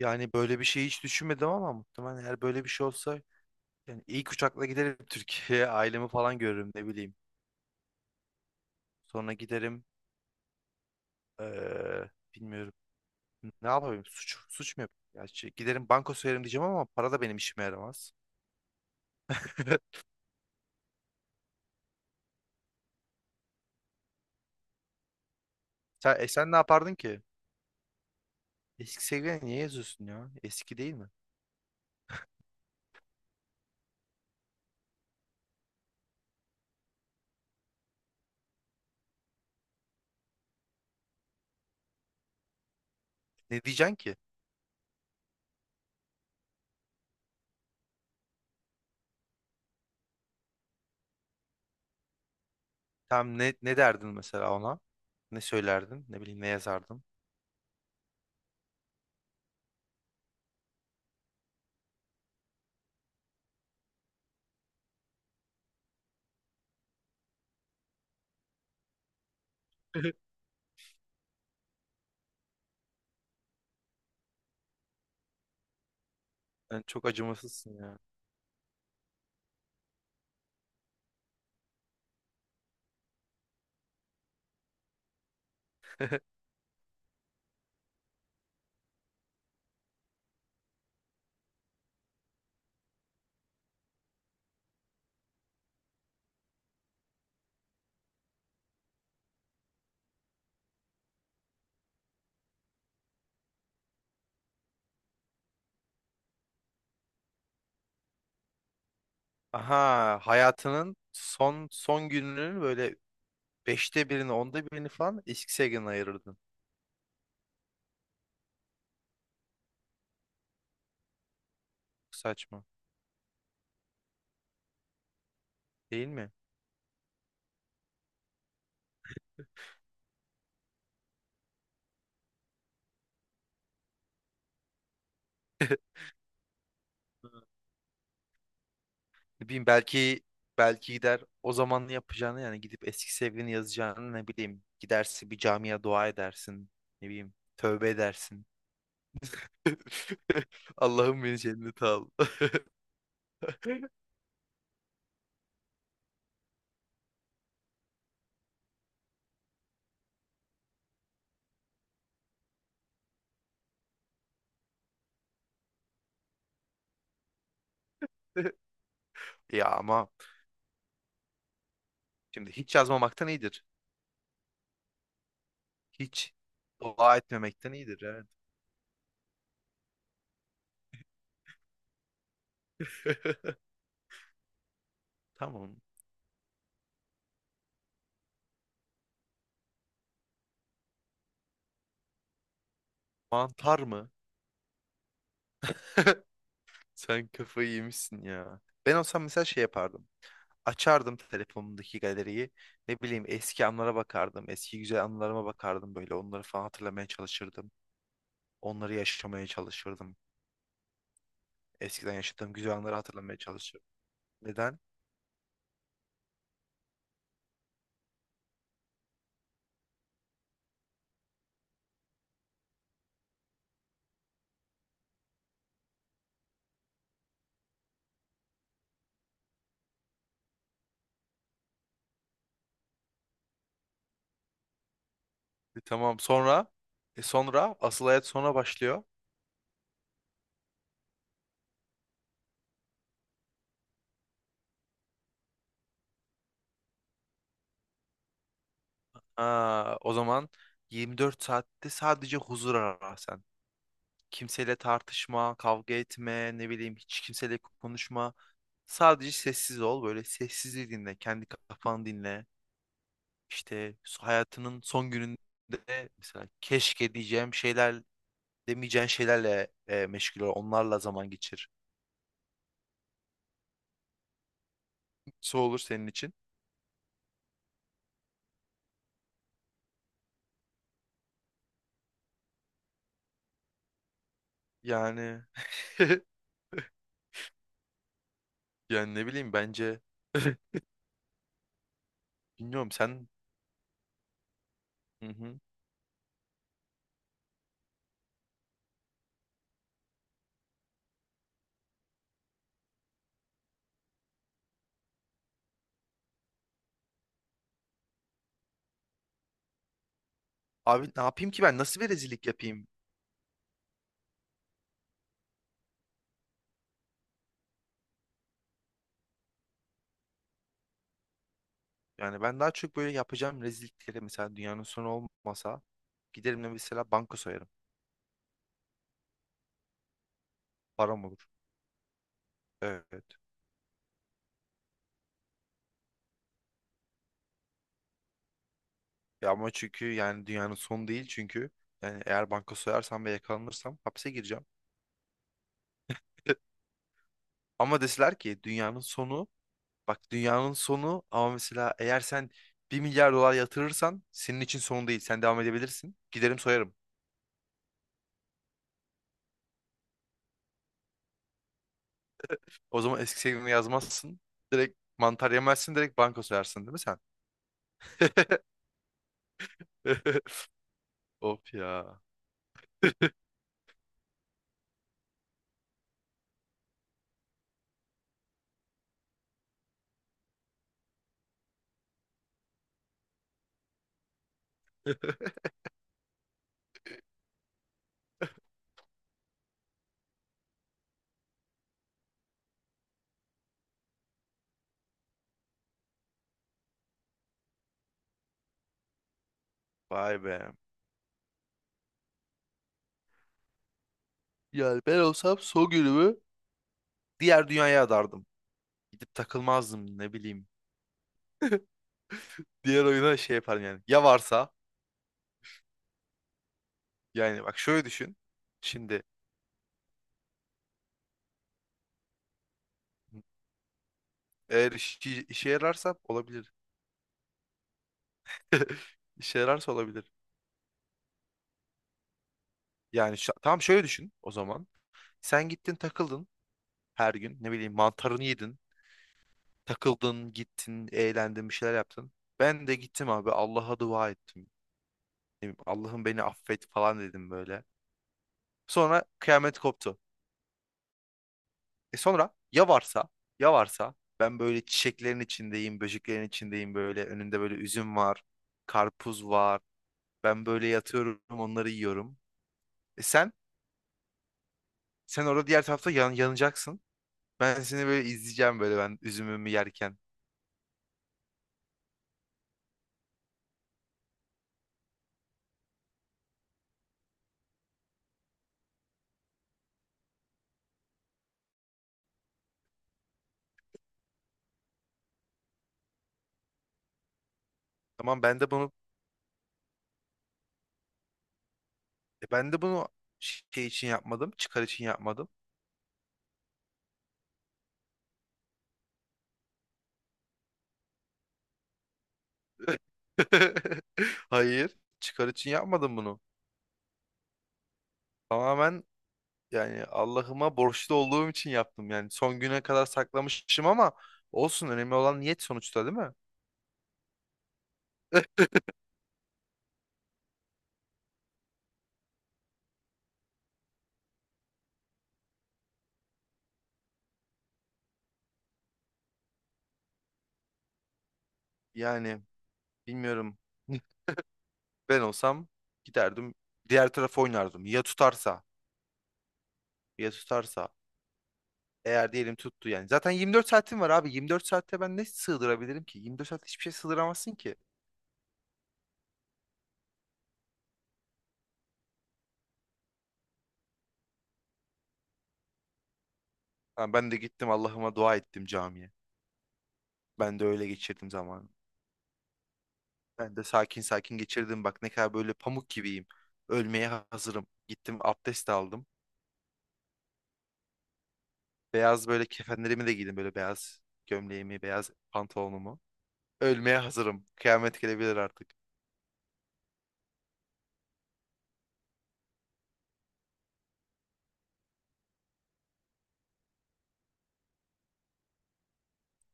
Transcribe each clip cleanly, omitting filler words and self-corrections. Yani böyle bir şey hiç düşünmedim ama muhtemelen eğer böyle bir şey olsa yani ilk uçakla giderim Türkiye'ye ailemi falan görürüm ne bileyim. Sonra giderim, eee, bilmiyorum, ne yapayım, suç mu yapayım? Ya şey, giderim banka soyarım diyeceğim ama para da benim işime yaramaz. Sen ne yapardın ki? Eski sevgilini niye yazıyorsun ya? Eski değil mi? Ne diyeceksin ki? Tam ne derdin mesela ona? Ne söylerdin? Ne bileyim, ne yazardın? Yani çok acımasızsın ya. Aha, hayatının son son gününün böyle beşte birini, onda birini falan X-Seg'in ayırırdın. Saçma değil mi? Ne bileyim, belki gider o zaman yapacağını, yani gidip eski sevgilini yazacağını. Ne bileyim, gidersin bir camiye dua edersin, ne bileyim tövbe edersin. Allah'ım, beni cennete al. Ya ama şimdi hiç yazmamaktan iyidir. Hiç dua etmemekten iyidir, evet. Tamam. Mantar mı? Sen kafayı yemişsin ya. Ben olsam mesela şey yapardım. Açardım telefonumdaki galeriyi. Ne bileyim, eski anlara bakardım. Eski güzel anılarıma bakardım böyle. Onları falan hatırlamaya çalışırdım. Onları yaşamaya çalışırdım. Eskiden yaşadığım güzel anları hatırlamaya çalışırdım. Neden? Tamam, sonra, sonra asıl hayat sonra başlıyor. Aa, o zaman 24 saatte sadece huzur ara sen. Kimseyle tartışma, kavga etme, ne bileyim hiç kimseyle konuşma. Sadece sessiz ol. Böyle sessizliği dinle. Kendi kafanı dinle. İşte hayatının son gününde mesela keşke diyeceğim şeyler, demeyeceğin şeylerle meşgul ol. Onlarla zaman geçir. Su olur senin için. Yani yani ne bileyim, bence bilmiyorum sen. Hı hı. Abi, ne yapayım ki ben? Nasıl bir rezillik yapayım? Yani ben daha çok böyle yapacağım rezillikleri, mesela dünyanın sonu olmasa giderim de mesela banka soyarım. Param olur. Evet. Ya ama çünkü yani dünyanın sonu değil çünkü, yani eğer banka soyarsam ve yakalanırsam hapse gireceğim. Ama deseler ki dünyanın sonu, bak dünyanın sonu ama mesela eğer sen 1 milyar dolar yatırırsan senin için son değil. Sen devam edebilirsin. Giderim soyarım. O zaman eski sevgilini yazmazsın. Direkt mantar yemezsin, direkt banka soyarsın değil mi sen? Of ya. Vay be. Yani ben olsam son günümü diğer dünyaya adardım. Gidip takılmazdım, ne bileyim. Diğer oyuna şey yaparım yani. Ya varsa, yani bak şöyle düşün. Şimdi eğer işe yararsa olabilir. İşe yararsa olabilir. Yani tam şöyle düşün o zaman. Sen gittin takıldın her gün. Ne bileyim, mantarını yedin. Takıldın, gittin, eğlendin, bir şeyler yaptın. Ben de gittim abi, Allah'a dua ettim. Ne bileyim, Allah'ım beni affet falan dedim böyle. Sonra kıyamet koptu. Sonra ya varsa, ya varsa ben böyle çiçeklerin içindeyim, böceklerin içindeyim, böyle önünde böyle üzüm var, karpuz var. Ben böyle yatıyorum, onları yiyorum. E sen sen orada diğer tarafta yanacaksın. Ben seni böyle izleyeceğim, böyle ben üzümümü yerken. Tamam, ben de bunu şey için yapmadım, çıkar için yapmadım. Hayır, çıkar için yapmadım bunu. Tamamen. Yani Allah'ıma borçlu olduğum için yaptım. Yani son güne kadar saklamışım ama olsun, önemli olan niyet sonuçta, değil mi? Yani bilmiyorum. Ben olsam giderdim, diğer tarafa oynardım. Ya tutarsa, ya tutarsa. Eğer diyelim tuttu yani. Zaten 24 saatim var abi. 24 saatte ben ne sığdırabilirim ki? 24 saat hiçbir şey sığdıramazsın ki. Ha, ben de gittim Allah'ıma dua ettim camiye. Ben de öyle geçirdim zamanı. Ben de sakin sakin geçirdim. Bak ne kadar böyle pamuk gibiyim. Ölmeye hazırım. Gittim, abdest aldım. Beyaz böyle kefenlerimi de giydim, böyle beyaz gömleğimi, beyaz pantolonumu. Ölmeye hazırım. Kıyamet gelebilir artık.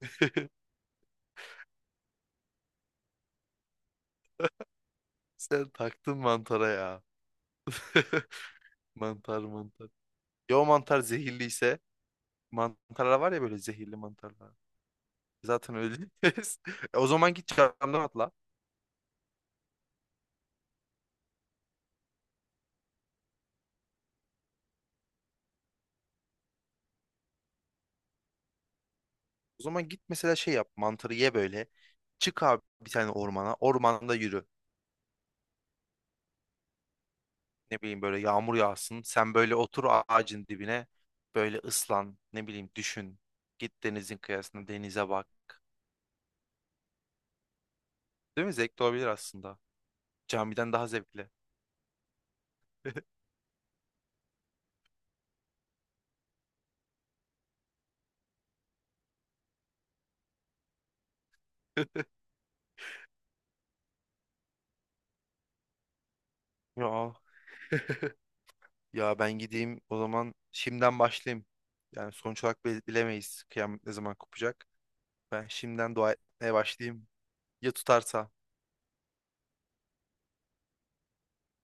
Sen taktın mantara ya. Mantar mantar. Ya o mantar zehirliyse, mantarlar var ya, böyle zehirli mantarlar. Zaten öyleyiz. O zaman git camdan atla. O zaman git mesela şey yap, mantarı ye böyle. Çık abi bir tane ormana. Ormanda yürü. Ne bileyim, böyle yağmur yağsın. Sen böyle otur ağacın dibine, böyle ıslan, ne bileyim düşün. Git denizin kıyısına, denize bak. Değil mi? Zevkli olabilir aslında. Camiden daha zevkli. Ya ya ben gideyim o zaman, şimdiden başlayayım. Yani sonuç olarak bilemeyiz kıyamet ne zaman kopacak. Ben şimdiden dua etmeye başlayayım. Ya tutarsa.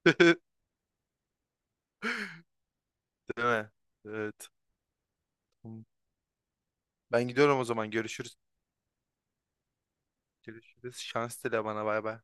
Değil mi? Evet. Tamam. Ben gidiyorum o zaman. Görüşürüz. Görüşürüz. Şans dile bana. Bay bay.